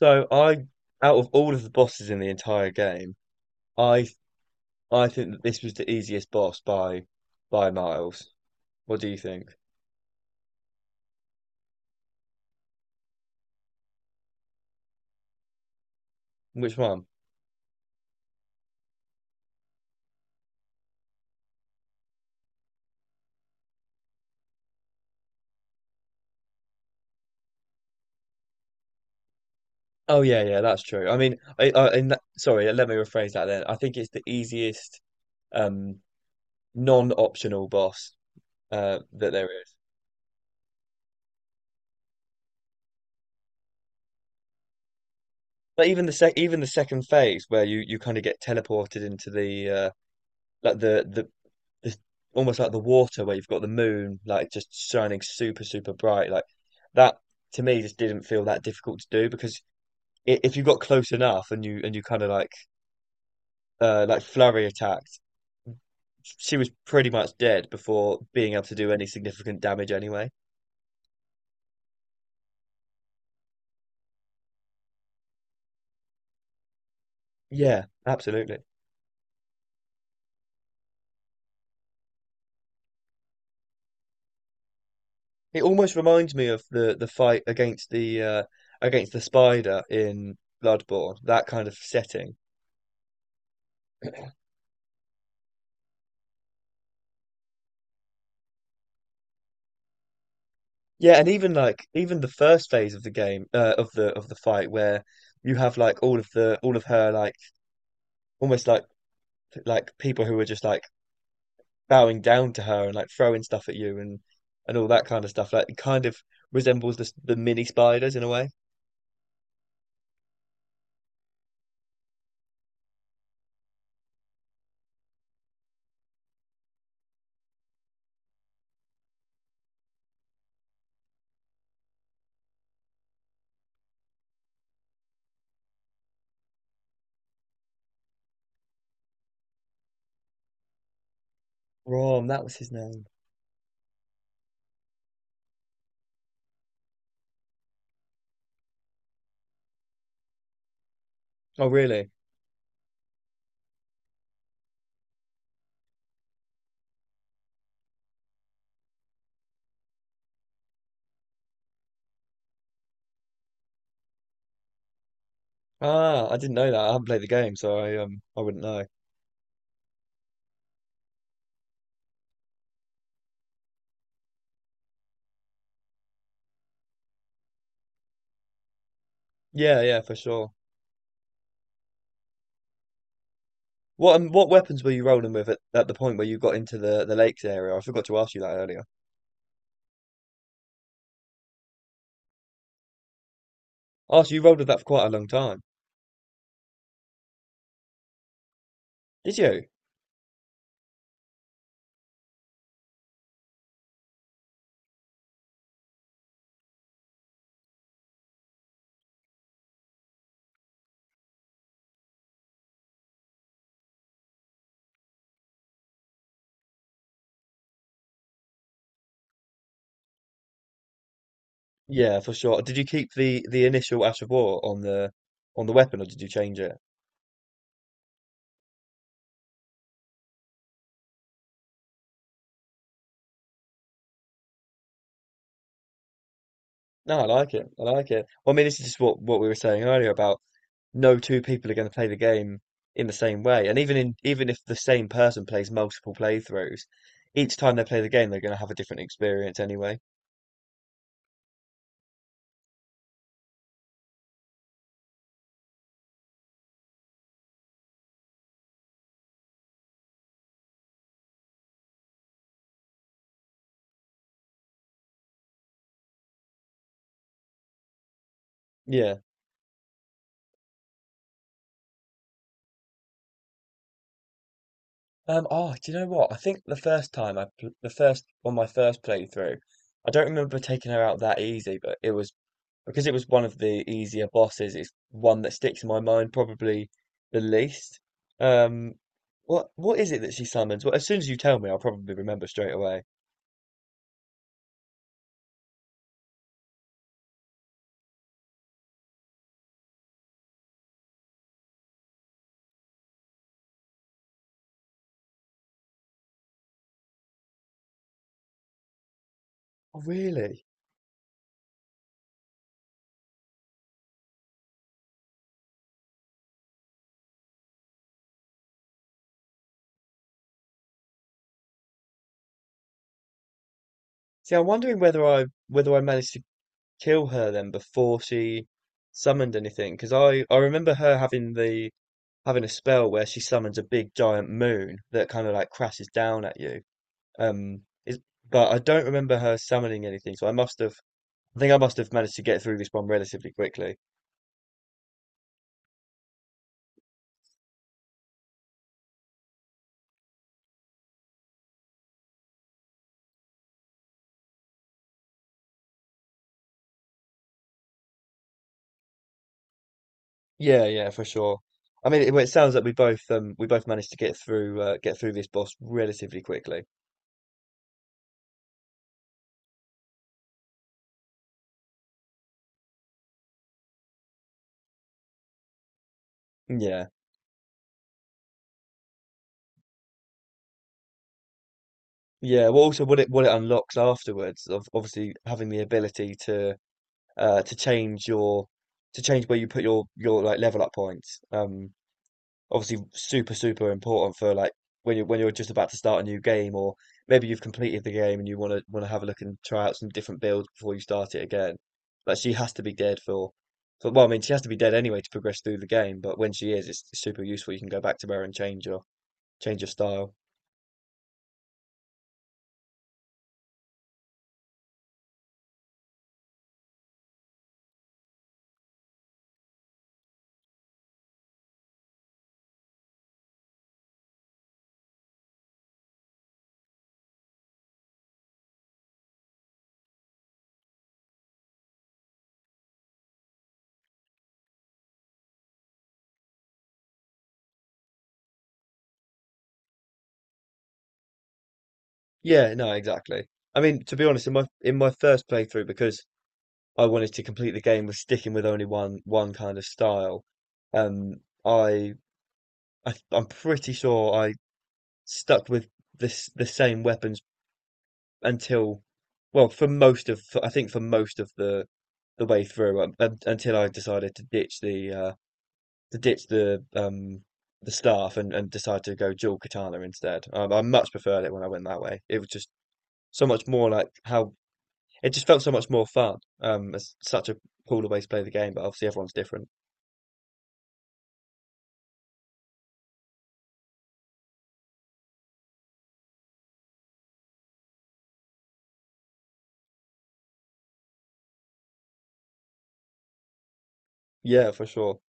So out of all of the bosses in the entire game, I I think that this was the easiest boss by miles. What do you think? Which one? Oh yeah, yeah, that's true. I mean, I in that, sorry, let me rephrase that then. I think it's the easiest um non-optional boss that there is. But even the sec even the second phase where you kind of get teleported into the like the almost like the water where you've got the moon like just shining super, super bright like that, to me, just didn't feel that difficult to do because if you got close enough and you kind of like flurry attacked, she was pretty much dead before being able to do any significant damage anyway. Yeah, absolutely. It almost reminds me of the fight against the against the spider in Bloodborne, that kind of setting. Yeah, and even like even the first phase of the game, of the fight where you have like all of her like almost like people who are just like bowing down to her and like throwing stuff at you, and all that kind of stuff. Like, it kind of resembles the mini spiders in a way. Rom, that was his name. Oh, really? Ah, I didn't know that. I haven't played the game, so I wouldn't know. Yeah, yeah, for sure. What weapons were you rolling with at the point where you got into the lakes area? I forgot to ask you that earlier. Oh, so you rolled with that for quite a long time. Did you? Yeah, for sure. Did you keep the initial Ash of War on the weapon, or did you change it? No, I like it. I like it. Well, I mean, this is just what we were saying earlier about no two people are going to play the game in the same way, and even if the same person plays multiple playthroughs, each time they play the game, they're going to have a different experience anyway. Yeah. Oh, do you know what? I think the first time the first on my first playthrough, I don't remember taking her out that easy, but it was because it was one of the easier bosses, it's one that sticks in my mind probably the least. Um, what is it that she summons? Well, as soon as you tell me, I'll probably remember straight away. Oh, really? See, I'm wondering whether I managed to kill her then before she summoned anything, because I remember her having the having a spell where she summons a big giant moon that kind of like crashes down at you. Um, is but I don't remember her summoning anything, so I must have I think I must have managed to get through this one relatively quickly. Yeah, yeah, for sure. I mean, it, well, it sounds like we both managed to get through this boss relatively quickly. Yeah, yeah. Well, also what it unlocks afterwards of obviously having the ability to change your to change where you put your like level up points. Obviously super, super important for like when you're just about to start a new game, or maybe you've completed the game and you want to have a look and try out some different builds before you start it again. Like, she has to be dead for well, I mean, she has to be dead anyway to progress through the game, but when she is, it's super useful. You can go back to her and change your style. Yeah, no, exactly. I mean, to be honest, in my first playthrough, because I wanted to complete the game with sticking with only one kind of style, um, I, I I'm pretty sure I stuck with this the same weapons until, well, for most of I think for most of the way through until I decided to ditch the to ditch the the staff and decide to go dual katana instead. I much preferred it when I went that way. It was just so much more like how it just felt so much more fun. It's such a cooler way to play the game, but obviously everyone's different. Yeah, for sure.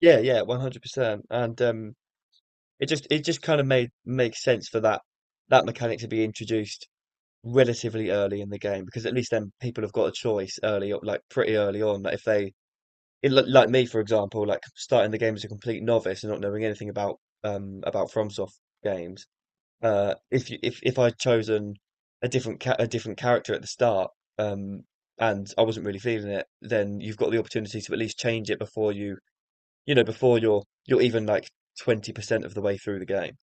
Yeah, yeah, 100%. And it just kind of made makes sense for that that mechanic to be introduced relatively early in the game because at least then people have got a choice early, like pretty early on. Like, if they, like me, for example, like starting the game as a complete novice and not knowing anything about FromSoft games. If you if I'd chosen a different ca a different character at the start, um, and I wasn't really feeling it, then you've got the opportunity to at least change it before you know, before you're even like 20% of the way through the game.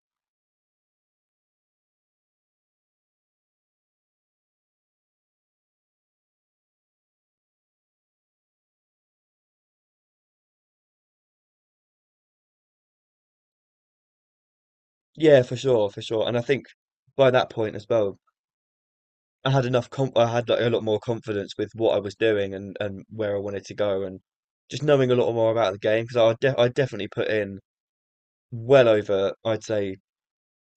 Yeah, for sure, for sure. And I think by that point as well, I had enough comp I had like a lot more confidence with what I was doing and where I wanted to go, and just knowing a lot more about the game because I definitely put in well over I'd say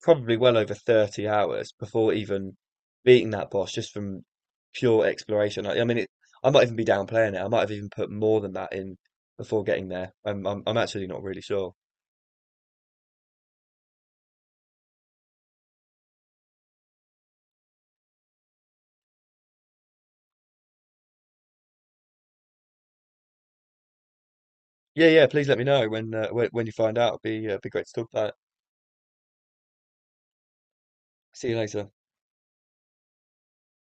probably well over 30 hours before even beating that boss just from pure exploration. I mean, it, I might even be downplaying it. I might have even put more than that in before getting there. I'm actually not really sure. Yeah, yeah. Please let me know when when you find out. It'd be great to talk about. It. See you later.